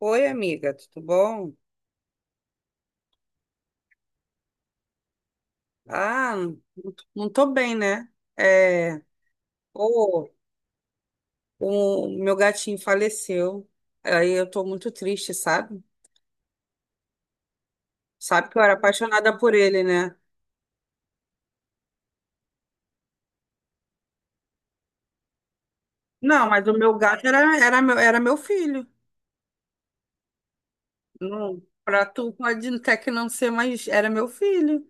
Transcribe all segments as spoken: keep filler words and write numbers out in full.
Oi, amiga, tudo bom? Ah, não não tô bem, né? É, pô, o meu gatinho faleceu. Aí eu tô muito triste, sabe? Sabe que eu era apaixonada por ele, né? Não, mas o meu gato era, era, meu, era meu filho. Não, pra tu pode até que não ser, mas era meu filho,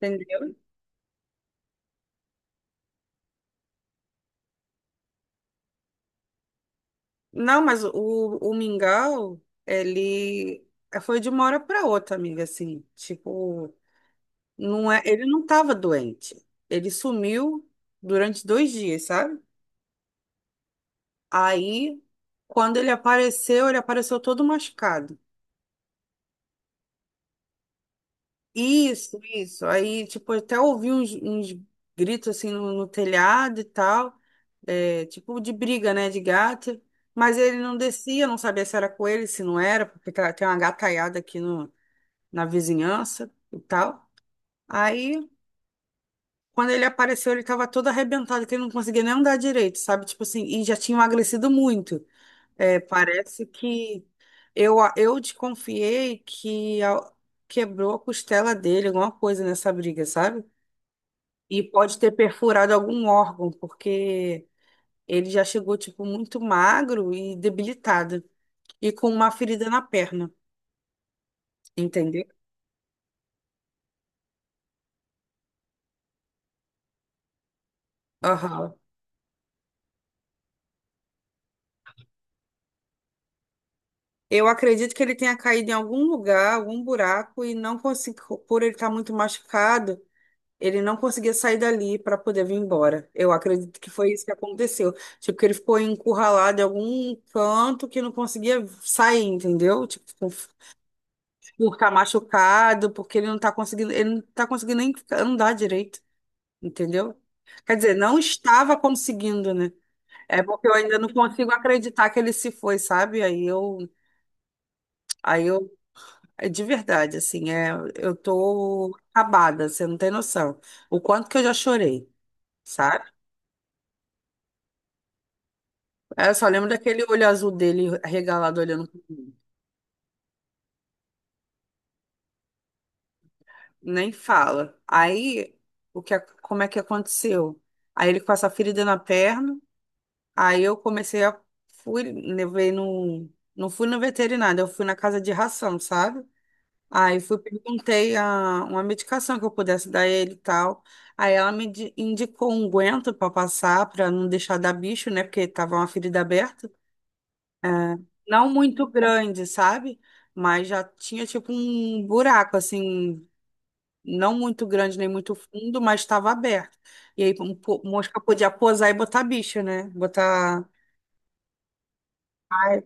entendeu? Não, mas o, o Mingau, ele foi de uma hora pra outra, amiga, assim. Tipo, não é, ele não estava doente. Ele sumiu durante dois dias, sabe? Aí, quando ele apareceu, ele apareceu todo machucado. Isso, isso. Aí, tipo, eu até ouvi uns, uns gritos assim no, no telhado e tal, é, tipo de briga, né, de gato. Mas ele não descia, não sabia se era com ele, se não era, porque tá- tem uma gataiada aqui no, na vizinhança e tal. Aí, quando ele apareceu, ele tava todo arrebentado, que ele não conseguia nem andar direito, sabe? Tipo assim, e já tinha emagrecido muito. É, parece que eu, a- eu desconfiei que a- quebrou a costela dele, alguma coisa nessa briga, sabe? E pode ter perfurado algum órgão, porque ele já chegou, tipo, muito magro e debilitado, e com uma ferida na perna, entendeu? Aham. Eu acredito que ele tenha caído em algum lugar, algum buraco, e não conseguiu, por ele estar muito machucado. Ele não conseguia sair dali para poder vir embora. Eu acredito que foi isso que aconteceu. Tipo, que ele ficou encurralado em algum canto que não conseguia sair, entendeu? Tipo, por por ficar machucado, porque ele não tá conseguindo, ele não tá conseguindo nem ficar- andar direito, entendeu? Quer dizer, não estava conseguindo, né? É porque eu ainda não consigo acreditar que ele se foi, sabe? Aí eu, aí eu, é de verdade, assim, é, eu tô acabada, você não tem noção. O quanto que eu já chorei, sabe? É, eu só lembro daquele olho azul dele regalado olhando, nem fala. Aí, o que, a- como é que aconteceu? Aí ele com essa ferida na perna, aí eu comecei a fui, levei no, não fui no veterinário, eu fui na casa de ração, sabe? Aí fui perguntei a, uma medicação que eu pudesse dar ele e tal. Aí ela me di- indicou um guento para passar para não deixar dar bicho, né? Porque tava uma ferida aberta. Não muito grande, sabe? Mas já tinha tipo um buraco, assim, não muito grande nem muito fundo, mas estava aberto. E aí um po- mosca podia posar e botar bicho, né? Botar. Ai.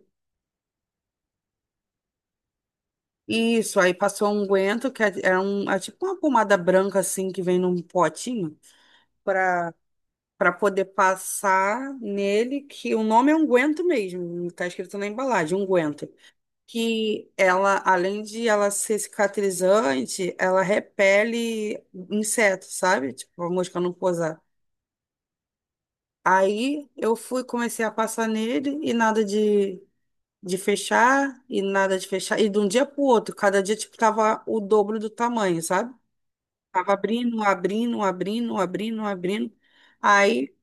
Isso, aí passou um unguento, que é, é um, é tipo uma pomada branca, assim, que vem num potinho, para para poder passar nele, que o nome é unguento mesmo, não tá escrito na embalagem, unguento. Que ela, além de ela ser cicatrizante, ela repele insetos, sabe? Tipo, a mosca não pousar. Aí eu fui, comecei a passar nele e nada de, de fechar, e nada de fechar. E de um dia pro outro, cada dia, tipo, tava o dobro do tamanho, sabe? Tava abrindo, abrindo, abrindo, abrindo, abrindo. Aí,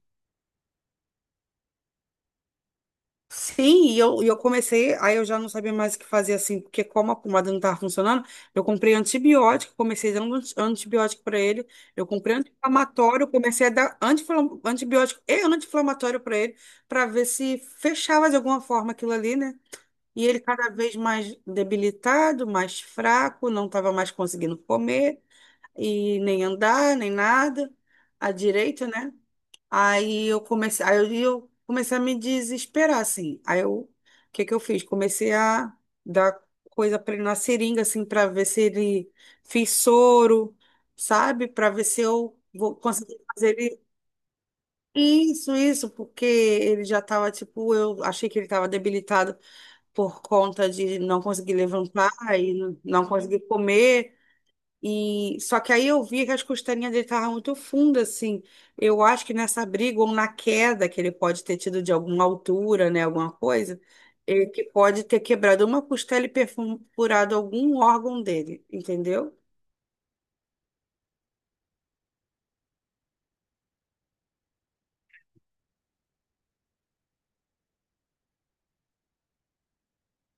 sim, e eu, e eu comecei, aí eu já não sabia mais o que fazer assim, porque como a pomada não estava funcionando, eu comprei antibiótico, comecei dando anti- antibiótico para ele, eu comprei anti-inflamatório, comecei a dar anti-inflam- antibiótico e anti-inflamatório para ele, para ver se fechava de alguma forma aquilo ali, né? E ele cada vez mais debilitado, mais fraco, não estava mais conseguindo comer, e nem andar, nem nada, à direita, né? Aí eu comecei, aí eu, eu comecei a me desesperar, assim. Aí eu, o que que eu fiz? Comecei a dar coisa para ele na seringa, assim, para ver se ele fiz soro, sabe? Para ver se eu vou conseguir fazer ele. Isso, isso, porque ele já estava, tipo, eu achei que ele estava debilitado por conta de não conseguir levantar e não não conseguir comer. E só que aí eu vi que as costelinhas dele estavam muito fundas, assim. Eu acho que nessa briga ou na queda que ele pode ter tido de alguma altura, né, alguma coisa, ele que pode ter quebrado uma costela e perfurado algum órgão dele, entendeu?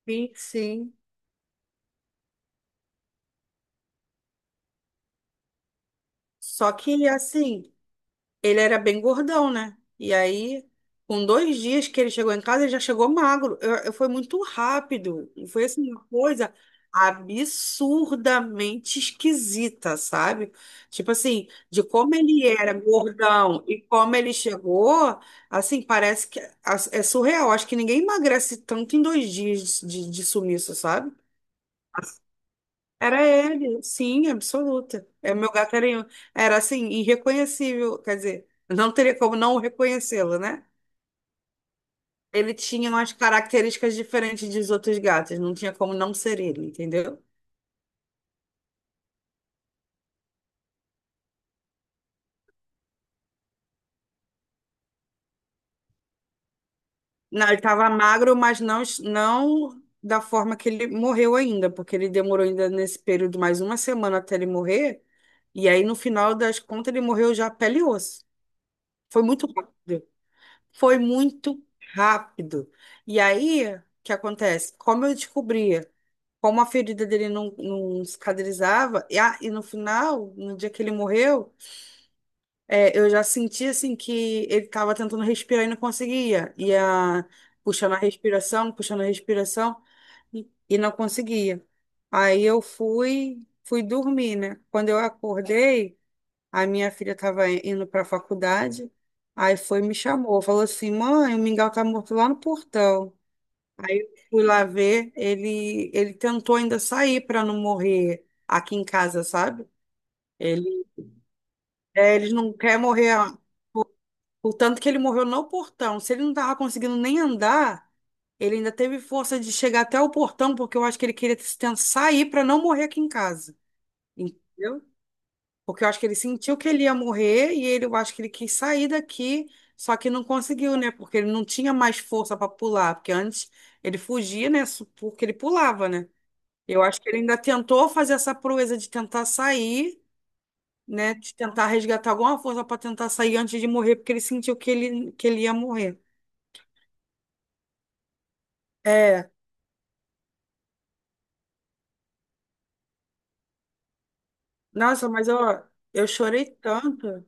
Sim, sim. Só que assim, ele era bem gordão, né? E aí, com dois dias que ele chegou em casa, ele já chegou magro. Eu, eu- foi muito rápido. Foi assim, uma coisa absurdamente esquisita, sabe? Tipo assim, de como ele era gordão e como ele chegou, assim, parece que é é surreal. Acho que ninguém emagrece tanto em dois dias de, de, de sumiço, sabe? Era ele, sim, absoluta. É, meu gato era, era assim, irreconhecível, quer dizer, não teria como não reconhecê-lo, né? Ele tinha umas características diferentes dos outros gatos, não tinha como não ser ele, entendeu? Não, ele estava magro, mas não, não da forma que ele morreu ainda, porque ele demorou ainda nesse período mais uma semana até ele morrer, e aí no final das contas ele morreu já pele e osso. Foi muito rápido. Foi muito rápido. E aí, o que acontece? Como eu descobri, como a ferida dele não, não cicatrizava, e, a- e no final, no dia que ele morreu, é, eu já senti assim que ele estava tentando respirar e não conseguia. E a, puxando a respiração, puxando a respiração, e, e não conseguia. Aí eu fui, fui, dormir, né? Quando eu acordei, a minha filha estava indo para a faculdade, aí foi e me chamou, falou assim, mãe, o Mingau tá morto lá no portão. Aí eu fui lá ver, ele, ele tentou ainda sair para não morrer aqui em casa, sabe? Ele, é, ele não quer morrer, o tanto que ele morreu no portão. Se ele não tava conseguindo nem andar, ele ainda teve força de chegar até o portão, porque eu acho que ele queria tentar sair para não morrer aqui em casa. Entendeu? Porque eu acho que ele sentiu que ele ia morrer e ele, eu acho que ele quis sair daqui, só que não conseguiu, né? Porque ele não tinha mais força para pular, porque antes ele fugia, né? su- Porque ele pulava, né? Eu acho que ele ainda tentou fazer essa proeza de tentar sair, né? De tentar resgatar alguma força para tentar sair antes de morrer, porque ele sentiu que ele, que ele ia morrer. É, nossa, mas eu, eu chorei tanto.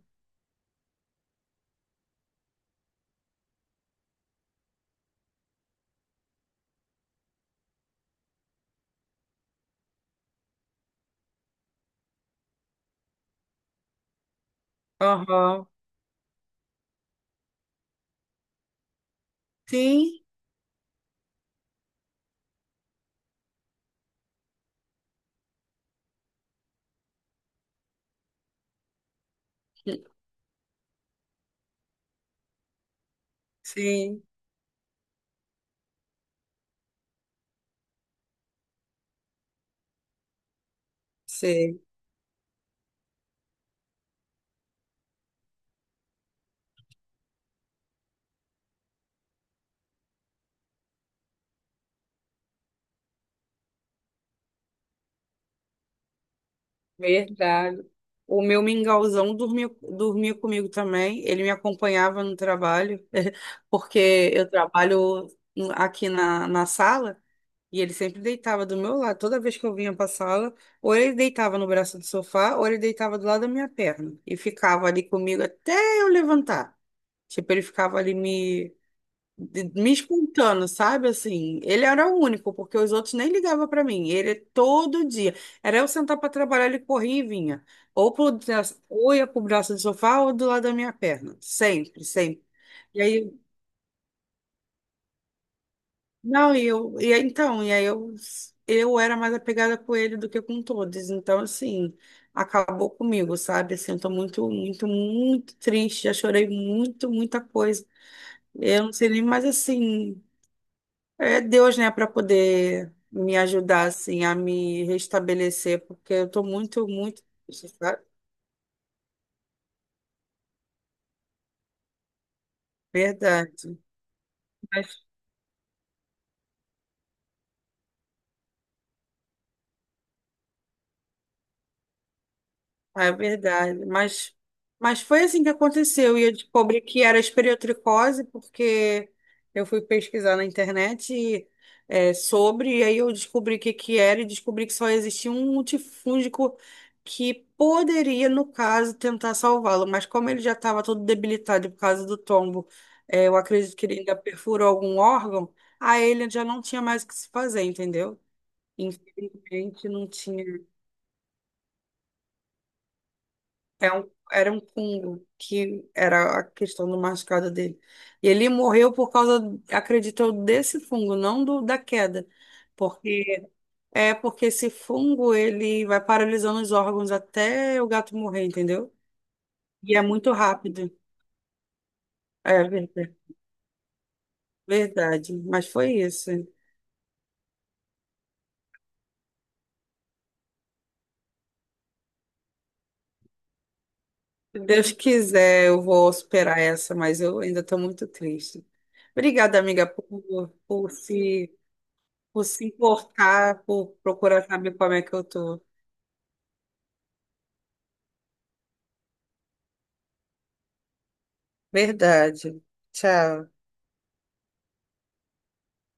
Aham. Sim, sim, sei. Verdade. O meu mingauzão dormia, dormia comigo também. Ele me acompanhava no trabalho, porque eu trabalho no- aqui na, na sala e ele sempre deitava do meu lado. Toda vez que eu vinha para a sala, ou ele deitava no braço do sofá, ou ele deitava do lado da minha perna e ficava ali comigo até eu levantar. Tipo, ele ficava ali me de- me espantando, sabe? Assim, ele era o único, porque os outros nem ligavam para mim. Ele todo dia. Era eu sentar para trabalhar, ele corria e vinha. Ou, pro, braço- ou ia pro braço do sofá ou do lado da minha perna. Sempre, sempre. E aí, não, e eu, e aí, então, e aí eu, eu era mais apegada com ele do que com todos. Então, assim, acabou comigo, sabe? Assim, eu tô muito, muito, muito triste. Já chorei muito, muita coisa. Eu não sei nem mais assim. É Deus, né, para poder me ajudar, assim, a me restabelecer, porque eu tô muito, muito, sabe? Verdade. É verdade, mas, mas foi assim que aconteceu. E eu descobri que era esporotricose, porque eu fui pesquisar na internet e, é, sobre, e aí eu descobri o que, que era e descobri que só existia um multifúngico que poderia, no caso, tentar salvá-lo. Mas como ele já estava todo debilitado por causa do tombo, é, eu acredito que ele ainda perfurou algum órgão, aí ele já não tinha mais o que se fazer, entendeu? Infelizmente, não tinha. É um, era um Kungo, que era a questão do machucado dele. E ele morreu por causa, acredito eu, desse fungo, não do, da queda. Porque é porque esse fungo ele vai paralisando os órgãos até o gato morrer, entendeu? E é muito rápido. É verdade. Verdade. Mas foi isso. Se Deus quiser, eu vou superar essa, mas eu ainda estou muito triste. Obrigada, amiga, por, por se, por se importar, por procurar saber como é que eu tô. Verdade. Tchau.